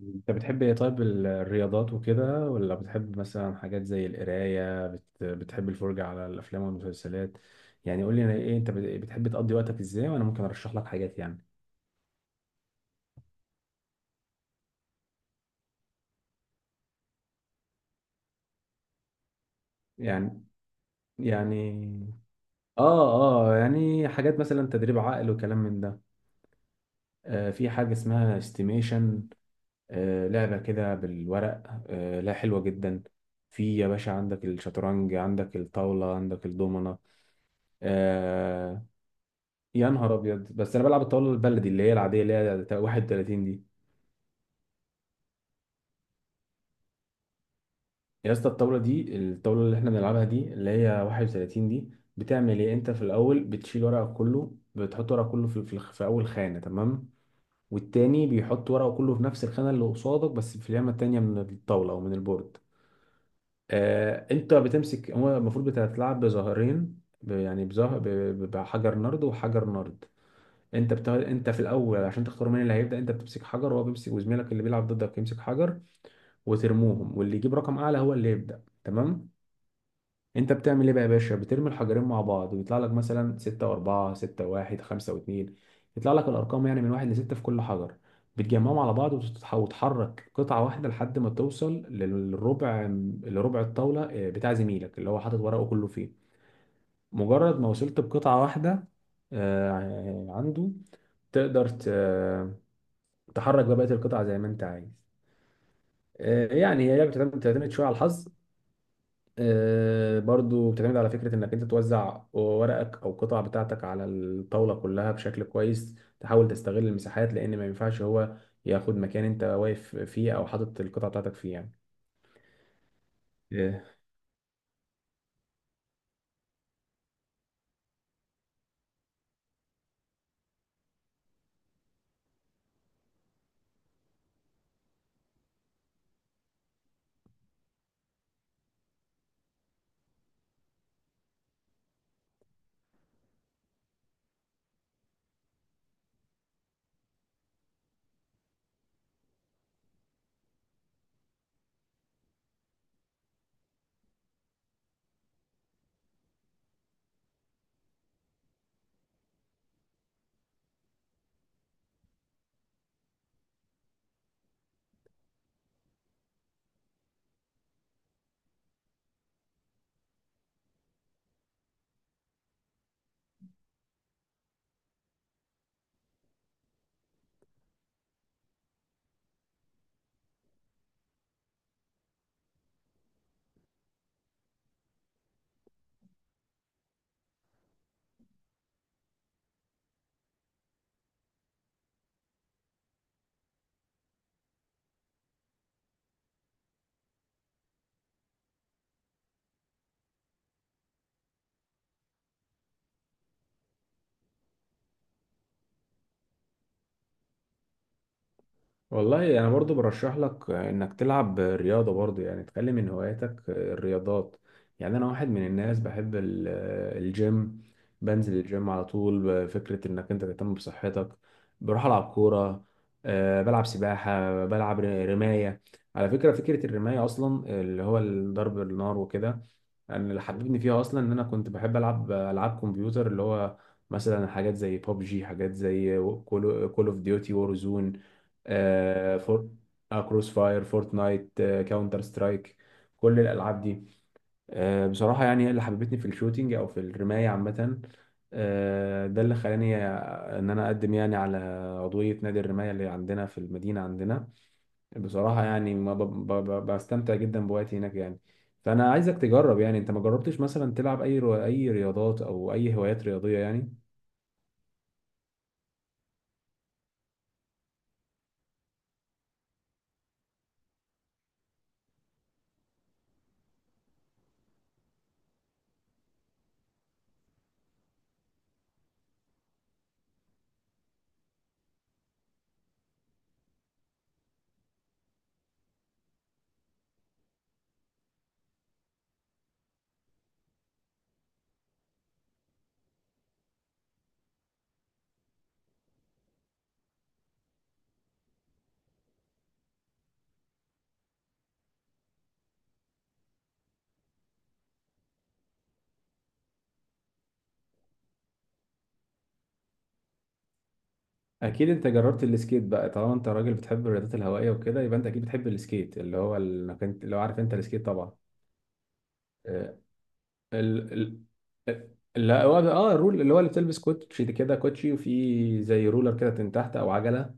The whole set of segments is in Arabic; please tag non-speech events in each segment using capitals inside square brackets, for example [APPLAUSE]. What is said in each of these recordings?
انت بتحب ايه؟ طيب، الرياضات وكده، ولا بتحب مثلا حاجات زي القراية؟ بتحب الفرجة على الافلام والمسلسلات؟ يعني قول لي انا ايه، انت بتحب تقضي وقتك ازاي وانا ممكن ارشح لك حاجات يعني يعني اه اه يعني حاجات مثلا تدريب عقل وكلام من ده. آه، في حاجة اسمها استيميشن. آه، لعبة كده بالورق. آه، لا، حلوة جدا. في يا باشا، عندك الشطرنج، عندك الطاولة، عندك الدومنة. آه، يا نهار ابيض، بس انا بلعب الطاوله البلدي، اللي هي العاديه، اللي هي 31 دي. يا اسطى، الطاوله دي، الطاوله اللي احنا بنلعبها دي، اللي هي 31 دي، بتعمل ايه؟ انت في الاول بتشيل ورقك كله، بتحط ورقك كله في في اول خانه، تمام. والتاني بيحط ورقه كله في نفس الخانه اللي قصادك، بس في اليمه التانيه من الطاوله او من البورد. آه، انت بتمسك، هو المفروض بتلعب بظهرين ب- يعني بظهر ب- ب- بحجر نرد وحجر نرد. انت في الاول عشان تختار مين اللي هيبدا، انت بتمسك حجر، وهو بيمسك، وزميلك اللي بيلعب ضدك يمسك حجر، وترموهم، واللي يجيب رقم اعلى هو اللي يبدا، تمام. انت بتعمل ايه بقى يا باشا؟ بترمي الحجرين مع بعض ويطلع لك مثلا 6 و4، 6 و1، 5 و2. يطلع لك الارقام يعني من 1 ل 6 في كل حجر. بتجمعهم على بعض وتحرك قطعه واحده لحد ما توصل للربع، لربع الطاوله، بتاع زميلك اللي هو حاطط ورقه كله فيه. مجرد ما وصلت بقطعه واحده اه، عنده، تقدر ت... تحرك بقى بقية القطع زي ما انت عايز. يعني هي لعبة بتعتمد بتعتمد شوية على الحظ. برضو بتعتمد على فكرة انك انت توزع ورقك او القطع بتاعتك على الطاولة كلها بشكل كويس، تحاول تستغل المساحات، لان ما ينفعش هو ياخد مكان انت واقف فيه او حاطط القطع بتاعتك فيه يعني. والله انا برضو برشح لك انك تلعب رياضه، برضو يعني تخلي من هواياتك الرياضات. يعني انا واحد من الناس بحب الجيم، بنزل الجيم على طول، فكره انك انت تهتم بصحتك. بروح العب كوره، بلعب سباحه، بلعب رمايه. على فكره، فكره الرمايه اصلا اللي هو ضرب النار وكده، يعني اللي حببني فيها اصلا ان انا كنت بحب العب العاب كمبيوتر، اللي هو مثلا حاجات زي ببجي، حاجات زي كول اوف ديوتي وورزون، آه، فور، آه، كروس فاير، فورتنايت، آه، كاونتر سترايك، كل الالعاب دي. آه، بصراحه يعني هي اللي حببتني في الشوتينج او في الرمايه عامه. آه، ده اللي خلاني ان انا اقدم يعني على عضويه نادي الرمايه اللي عندنا في المدينه عندنا. بصراحة يعني ما ب... ب... ب... بستمتع جدا بوقتي هناك يعني. فأنا عايزك تجرب، يعني أنت ما جربتش مثلا تلعب أي رياضات أو أي هوايات رياضية يعني. أكيد أنت جربت السكيت بقى، طالما أنت راجل بتحب الرياضات الهوائية وكده، يبقى أنت أكيد بتحب السكيت، اللي هو لو عارف أنت السكيت طبعا. آه، ال... ال... لا، هو ده- اه الرول، اللي هو اللي بتلبس كوتشي كده، كوتشي وفي زي رولر كده من تحت او عجله،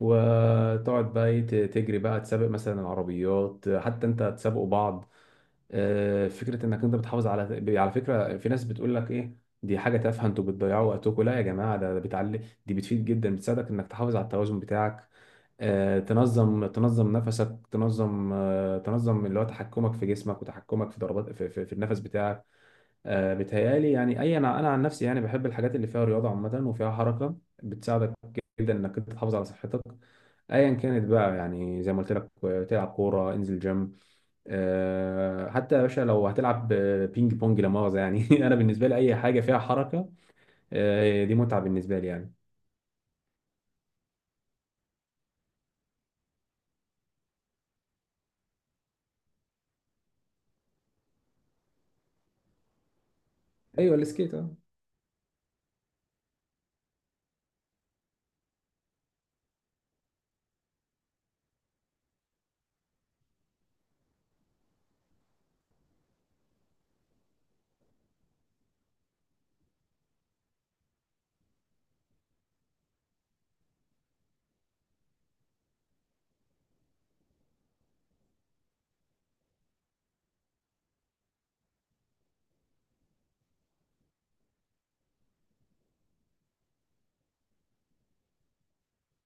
وتقعد بقى إيه، تجري بقى، تسابق مثلا العربيات، حتى انت تسابقوا بعض. فكره انك انت بتحافظ على فكره، في ناس بتقول لك ايه، دي حاجه تافهه، انتوا بتضيعوا وقتكم، لا يا جماعه، ده بتعلي، دي بتفيد جدا، بتساعدك انك تحافظ على التوازن بتاعك. تنظم نفسك، تنظم تنظم اللي هو تحكمك في جسمك، وتحكمك في ضربات في النفس بتاعك. بيتهيألي يعني، اي انا عن نفسي يعني بحب الحاجات اللي فيها رياضه عامه وفيها حركه، بتساعدك جدا انك انت تحافظ على صحتك، ايا كانت بقى يعني. زي ما قلت لك، تلعب كوره، انزل جيم، حتى يا باشا لو هتلعب، بينج بونج لا مؤاخذة يعني [LAUGHS] انا بالنسبه لي اي حاجه فيها حركه، دي متعه بالنسبه لي يعني. ايوه، السكيت، اه.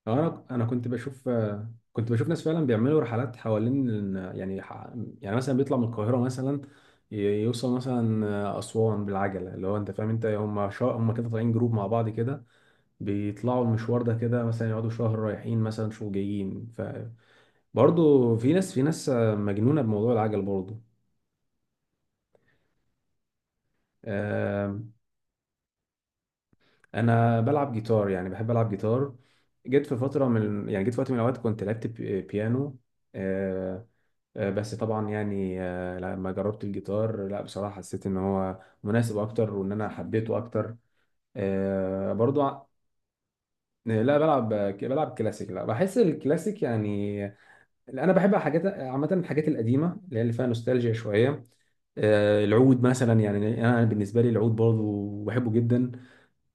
انا كنت بشوف، كنت بشوف ناس فعلا بيعملوا رحلات حوالين ال- يعني ح- يعني مثلا بيطلع من القاهره مثلا، ي- يوصل مثلا اسوان بالعجله، اللي هو انت فاهم، انت هم كده طالعين جروب مع بعض كده، بيطلعوا المشوار ده كده، مثلا يقعدوا شهر رايحين مثلا شهر جايين. فبرضه في ناس، آه، مجنونه بموضوع العجل برضه. انا بلعب جيتار، يعني بحب العب جيتار. جيت في فتره من يعني، جيت في وقت من الاوقات كنت لعبت بيانو. آه، بس طبعا يعني، لما جربت الجيتار، لا بصراحه حسيت ان هو مناسب اكتر وان انا حبيته اكتر. آه، برضو ع- لا، بلعب كلاسيك، لا بحس الكلاسيك يعني. انا بحب حاجات عامه، الحاجات القديمه اللي هي اللي فيها نوستالجيا شويه. العود مثلا، يعني انا بالنسبه لي العود برضو بحبه جدا.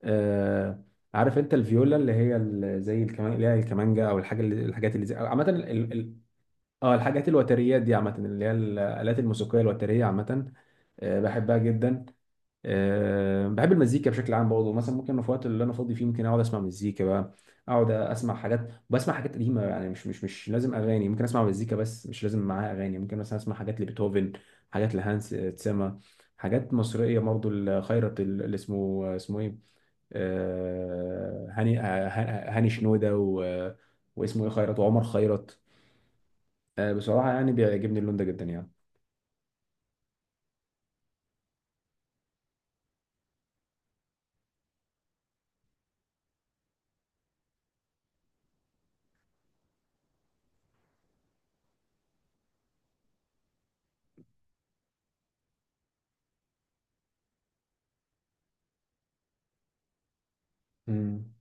آه، عارف انت الفيولا، اللي هي زي الكمان، اللي هي الكمانجا، او الحاجه اللي، الحاجات اللي زي عامه، اه، الحاجات الوتريات دي عامه، اللي هي الالات الموسيقيه الوتريه عامه. آه، بحبها جدا. آه، بحب المزيكا بشكل عام برضه، مثلا ممكن في الوقت اللي انا فاضي فيه ممكن اقعد اسمع مزيكا بقى، اقعد اسمع حاجات، بسمع حاجات قديمه يعني، مش لازم اغاني، ممكن اسمع مزيكا بس مش لازم معاها اغاني، ممكن مثلا اسمع حاجات لبيتهوفن، حاجات لهانس تسما، حاجات مصريه برضه، الخيرت اللي اسمه آه، اسمه ايه، آه، هاني آه، هاني شنودة واسمه ايه، خيرت، وعمر خيرت. بصراحة يعني بيعجبني اللون ده جدا يعني. امم،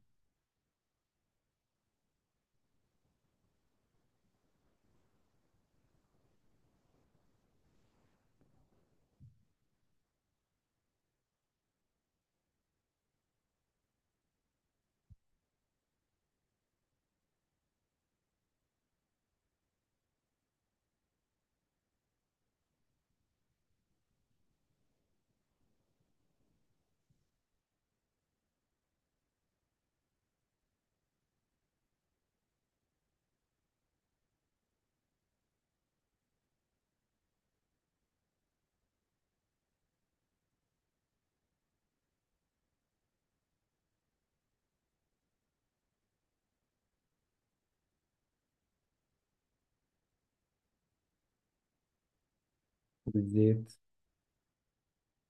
بالزيت،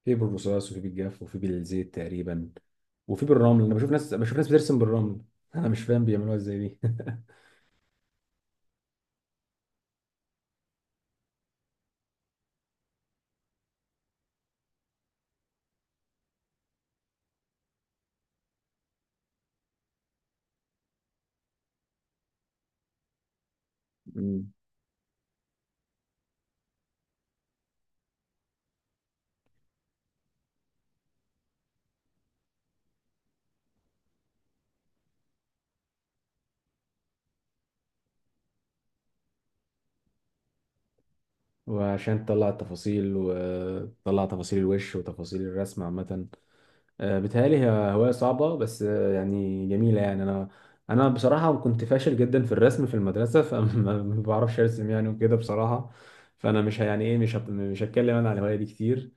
في بالرصاص، وفي بالجاف، وفي بالزيت تقريبا، وفي بالرمل. انا بشوف ناس، بترسم بالرمل [LAUGHS] انا مش فاهم بيعملوها ازاي دي [LAUGHS] مم. وعشان تطلع التفاصيل، وتطلع تفاصيل الوش، وتفاصيل الرسم عامة. بيتهيألي هي هواية صعبة بس، آه، يعني جميلة يعني، أنا بصراحة كنت فاشل جدا في الرسم في المدرسة، فما [LAUGHS] ما بعرفش أرسم يعني وكده بصراحة، فأنا مش ه- يعني إيه مش هت- مش هتكلم أنا على الهواية دي كتير.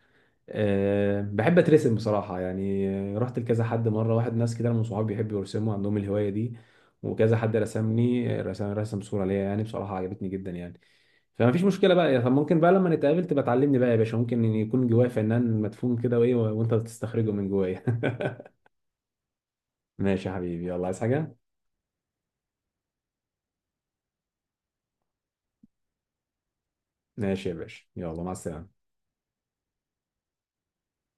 أه، بحب اترسم بصراحة يعني. رحت لكذا حد مرة واحد، ناس كده من صحابي بيحبوا يرسموا عندهم الهواية دي، وكذا حد رسمني، رسم صورة ليا، يعني بصراحة عجبتني جدا يعني. فما فيش مشكلة بقى يعني، طب ممكن بقى لما نتقابل تبقى تعلمني بقى يا باشا، ممكن إن يكون جوايا فنان مدفون كده، وايه وانت بتستخرجه من جوايا [LAUGHS] ماشي يا حبيبي، يلا، عايز حاجة؟ ماشي يا باشا، يلا، مع السلامة.